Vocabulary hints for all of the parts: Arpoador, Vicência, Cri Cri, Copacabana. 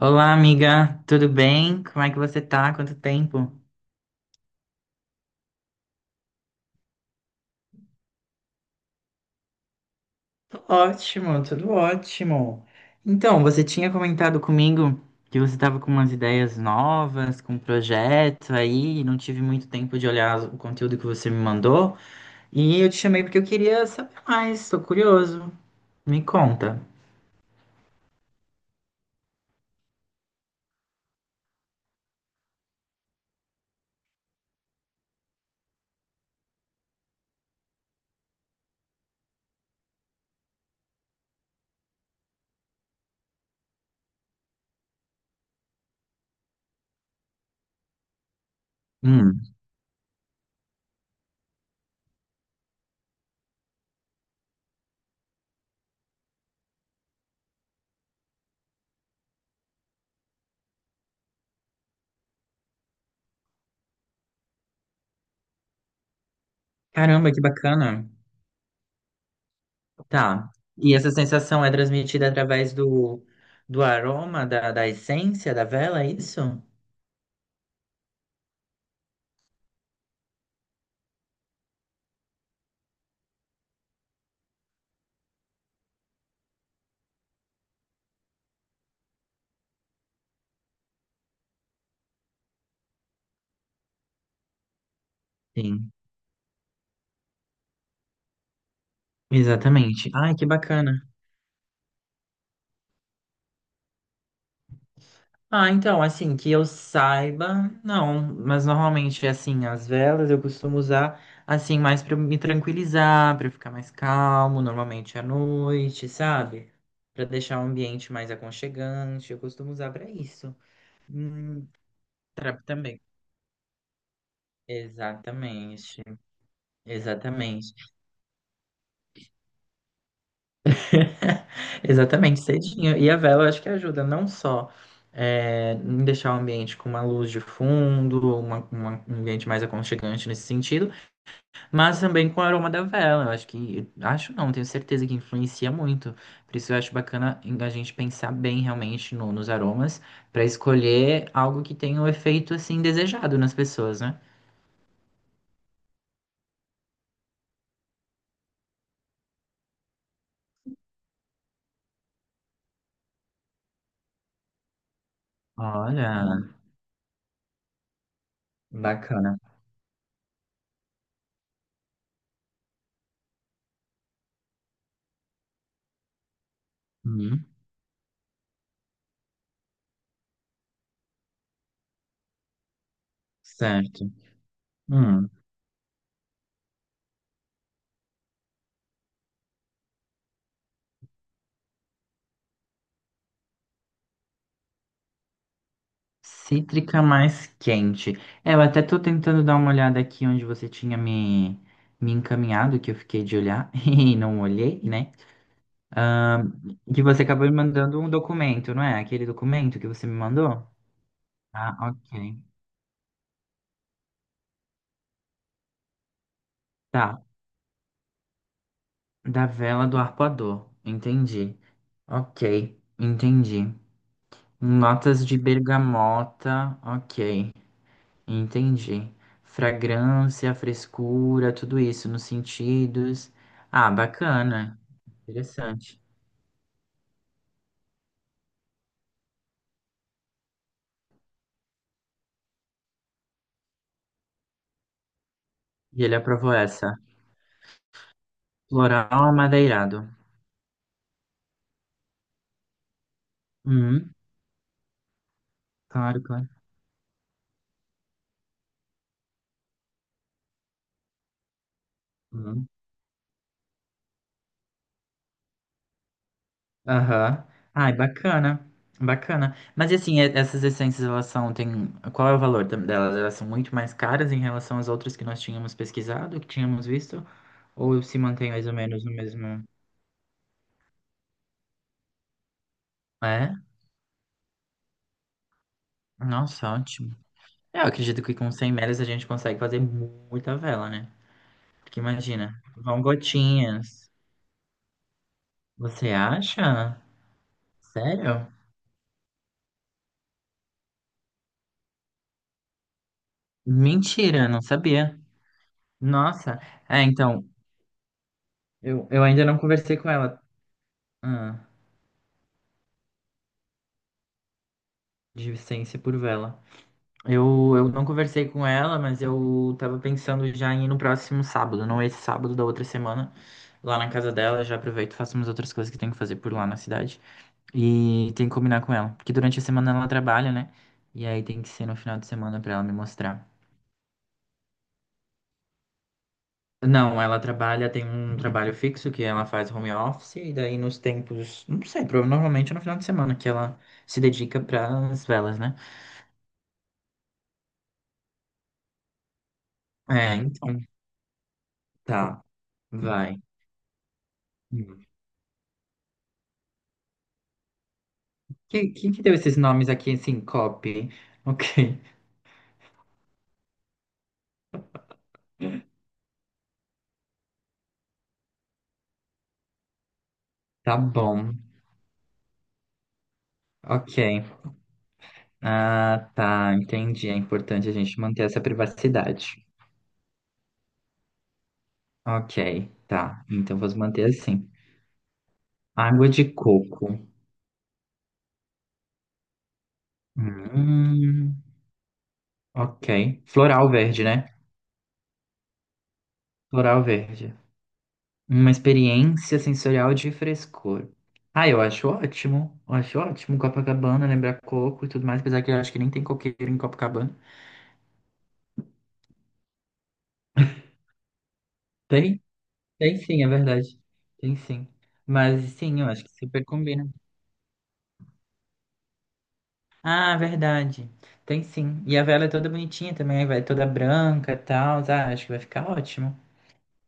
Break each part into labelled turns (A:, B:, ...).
A: Olá, amiga, tudo bem? Como é que você tá? Quanto tempo? Tô ótimo, tudo ótimo. Então, você tinha comentado comigo que você estava com umas ideias novas, com um projeto aí, e não tive muito tempo de olhar o conteúdo que você me mandou, e eu te chamei porque eu queria saber mais, tô curioso. Me conta. Hum. Caramba, que bacana. Tá. E essa sensação é transmitida através do aroma, da essência da vela, é isso? Sim. Exatamente. Ai, que bacana. Ah, então, assim, que eu saiba, não, mas normalmente, assim, as velas eu costumo usar, assim, mais pra me tranquilizar, pra eu ficar mais calmo, normalmente à noite, sabe? Pra deixar o ambiente mais aconchegante, eu costumo usar pra isso. Hum, também. Exatamente, exatamente. Exatamente, cedinho. E a vela acho que ajuda não só em deixar o ambiente com uma luz de fundo, um ambiente mais aconchegante nesse sentido, mas também com o aroma da vela. Eu acho que, acho não, tenho certeza que influencia muito. Por isso eu acho bacana a gente pensar bem realmente nos aromas para escolher algo que tenha o efeito assim desejado nas pessoas, né? Olha, bacana. Hum, certo. Hum. Cítrica mais quente. É, eu até tô tentando dar uma olhada aqui onde você tinha me encaminhado, que eu fiquei de olhar e não olhei, né? Ahn, que você acabou me mandando um documento, não é? Aquele documento que você me mandou? Ah, ok. Tá. Da vela do arpoador. Entendi. Ok. Entendi. Notas de bergamota. Ok. Entendi. Fragrância, frescura, tudo isso nos sentidos. Ah, bacana. Interessante. E ele aprovou essa. Floral amadeirado. Hum, claro, claro. Hum. Aham. Ai, bacana. Bacana. Mas e assim, essas essências, elas são, tem... Qual é o valor delas? Elas são muito mais caras em relação às outras que nós tínhamos pesquisado, que tínhamos visto? Ou se mantém mais ou menos no mesmo... É? Nossa, ótimo. Eu acredito que com 100 metros a gente consegue fazer muita vela, né? Porque imagina, vão gotinhas. Você acha? Sério? Mentira, não sabia. Nossa, é, então, eu ainda não conversei com ela, ah, de Vicência por vela. Eu não conversei com ela, mas eu tava pensando já em ir no próximo sábado, não esse sábado da outra semana, lá na casa dela. Já aproveito e faço umas outras coisas que tenho que fazer por lá na cidade. E tem que combinar com ela. Porque durante a semana ela trabalha, né? E aí tem que ser no final de semana pra ela me mostrar. Não, ela trabalha, tem um trabalho fixo que ela faz home office, e daí nos tempos, não sei, normalmente é no final de semana que ela se dedica pras velas, né? É, então, tá, vai. Hum. Quem que deu esses nomes aqui, assim, copy? Ok, tá bom, ok. Ah, tá, entendi. É importante a gente manter essa privacidade. Ok, tá. Então vamos manter assim. Água de coco. Hum, ok. Floral verde, né? Floral verde. Uma experiência sensorial de frescor. Ah, eu acho ótimo. Eu acho ótimo. Copacabana, lembrar coco e tudo mais. Apesar que eu acho que nem tem coqueiro em Copacabana. Tem? Tem sim, é verdade. Tem sim. Mas sim, eu acho que super combina. Ah, verdade. Tem sim. E a vela é toda bonitinha também. Vai toda branca e tal. Ah, acho que vai ficar ótimo.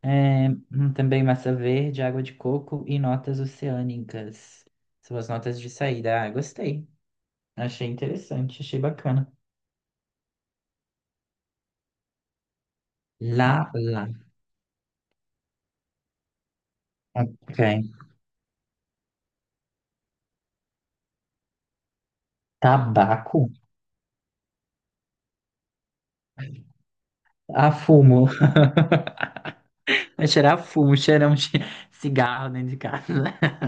A: É, também massa verde, água de coco e notas oceânicas. São as notas de saída. Ah, gostei. Achei interessante, achei bacana. Lá, lá. Ok. Tabaco? Ah, fumo. Vai cheirar fumo, cheirão de cigarro dentro de casa.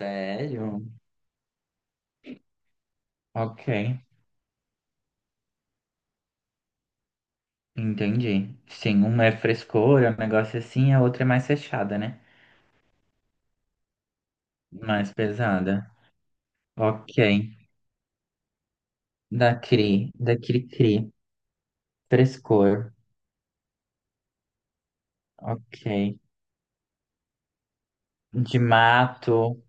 A: Sério? Ok. Entendi. Sim, uma é frescura, um negócio assim, a outra é mais fechada, né? Mais pesada. Ok. Da Cri Cri. Frescor. Ok. De mato.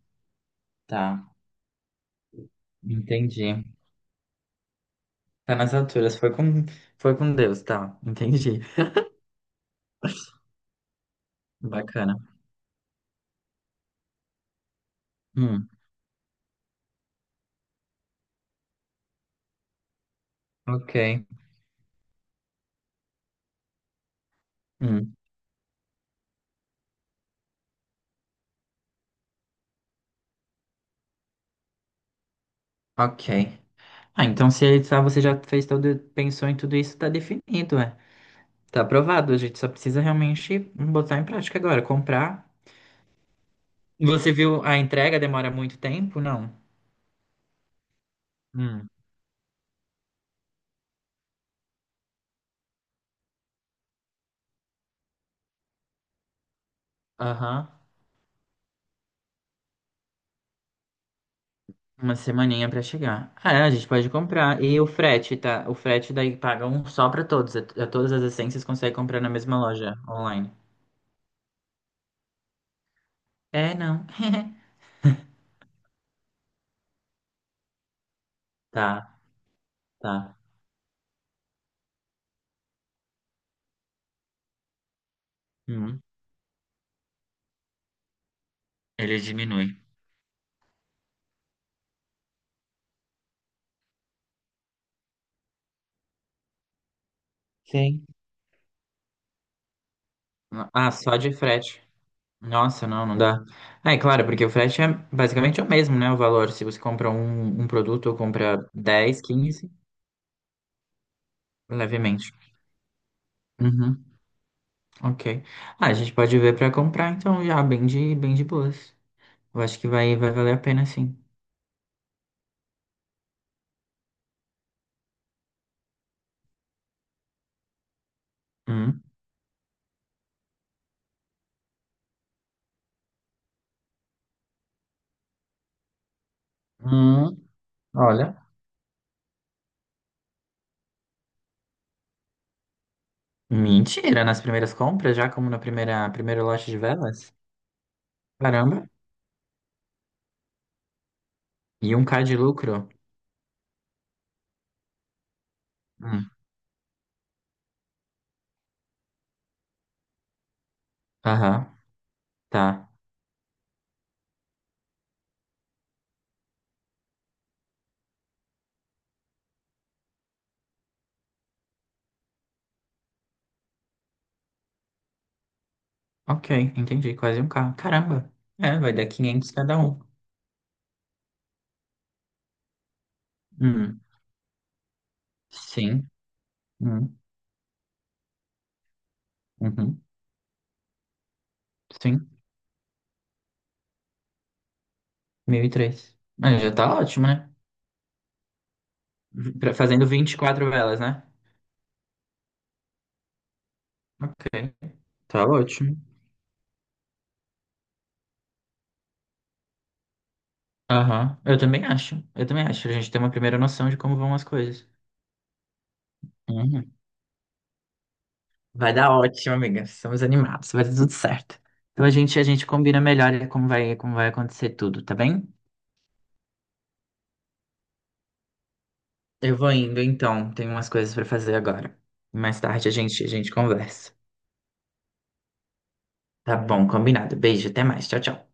A: Tá. Entendi. Tá nas alturas. Foi com Deus, tá. Entendi. Bacana. Hum, ok. Hum, ok. Ah, então se ele- tá, você já fez todo, pensou em tudo isso, tá definido, é. Tá aprovado. A gente só precisa realmente botar em prática agora, comprar. Você viu a entrega demora muito tempo? Não. Hum. Aham. Uma semaninha pra chegar. Ah, é, a gente pode comprar. E o frete, tá? O frete daí paga um só pra todos. A todas as essências consegue comprar na mesma loja online. É, não. Tá, tá. Hum, ele diminui. Sim. Ah, só de frete. Nossa, não, não dá. É, claro, porque o frete é basicamente o mesmo, né? O valor. Se você compra um produto ou compra 10, 15 levemente. Uhum, ok. Ah, a gente pode ver pra comprar, então, já, bem de boas. Eu acho que vai valer a pena, sim. Hum, hum, olha, mentira, nas primeiras compras, já como na primeira, primeiro lote de velas? Caramba, e um K de lucro? Hum, aham, tá, ok, entendi, quase um K, caramba, é, vai dar 500 cada um. Hum, sim, hum, uhum, sim, 1003 mas já tá ótimo, né? Fazendo 24 velas, né? Ok, tá ótimo. Aham, eu também acho, a gente tem uma primeira noção de como vão as coisas. Uhum. Vai dar ótimo, amiga. Estamos animados, vai dar tudo certo. Então a gente combina melhor como vai acontecer tudo, tá bem? Eu vou indo então, tenho umas coisas pra fazer agora. Mais tarde a gente conversa. Tá bom, combinado. Beijo, até mais. Tchau, tchau.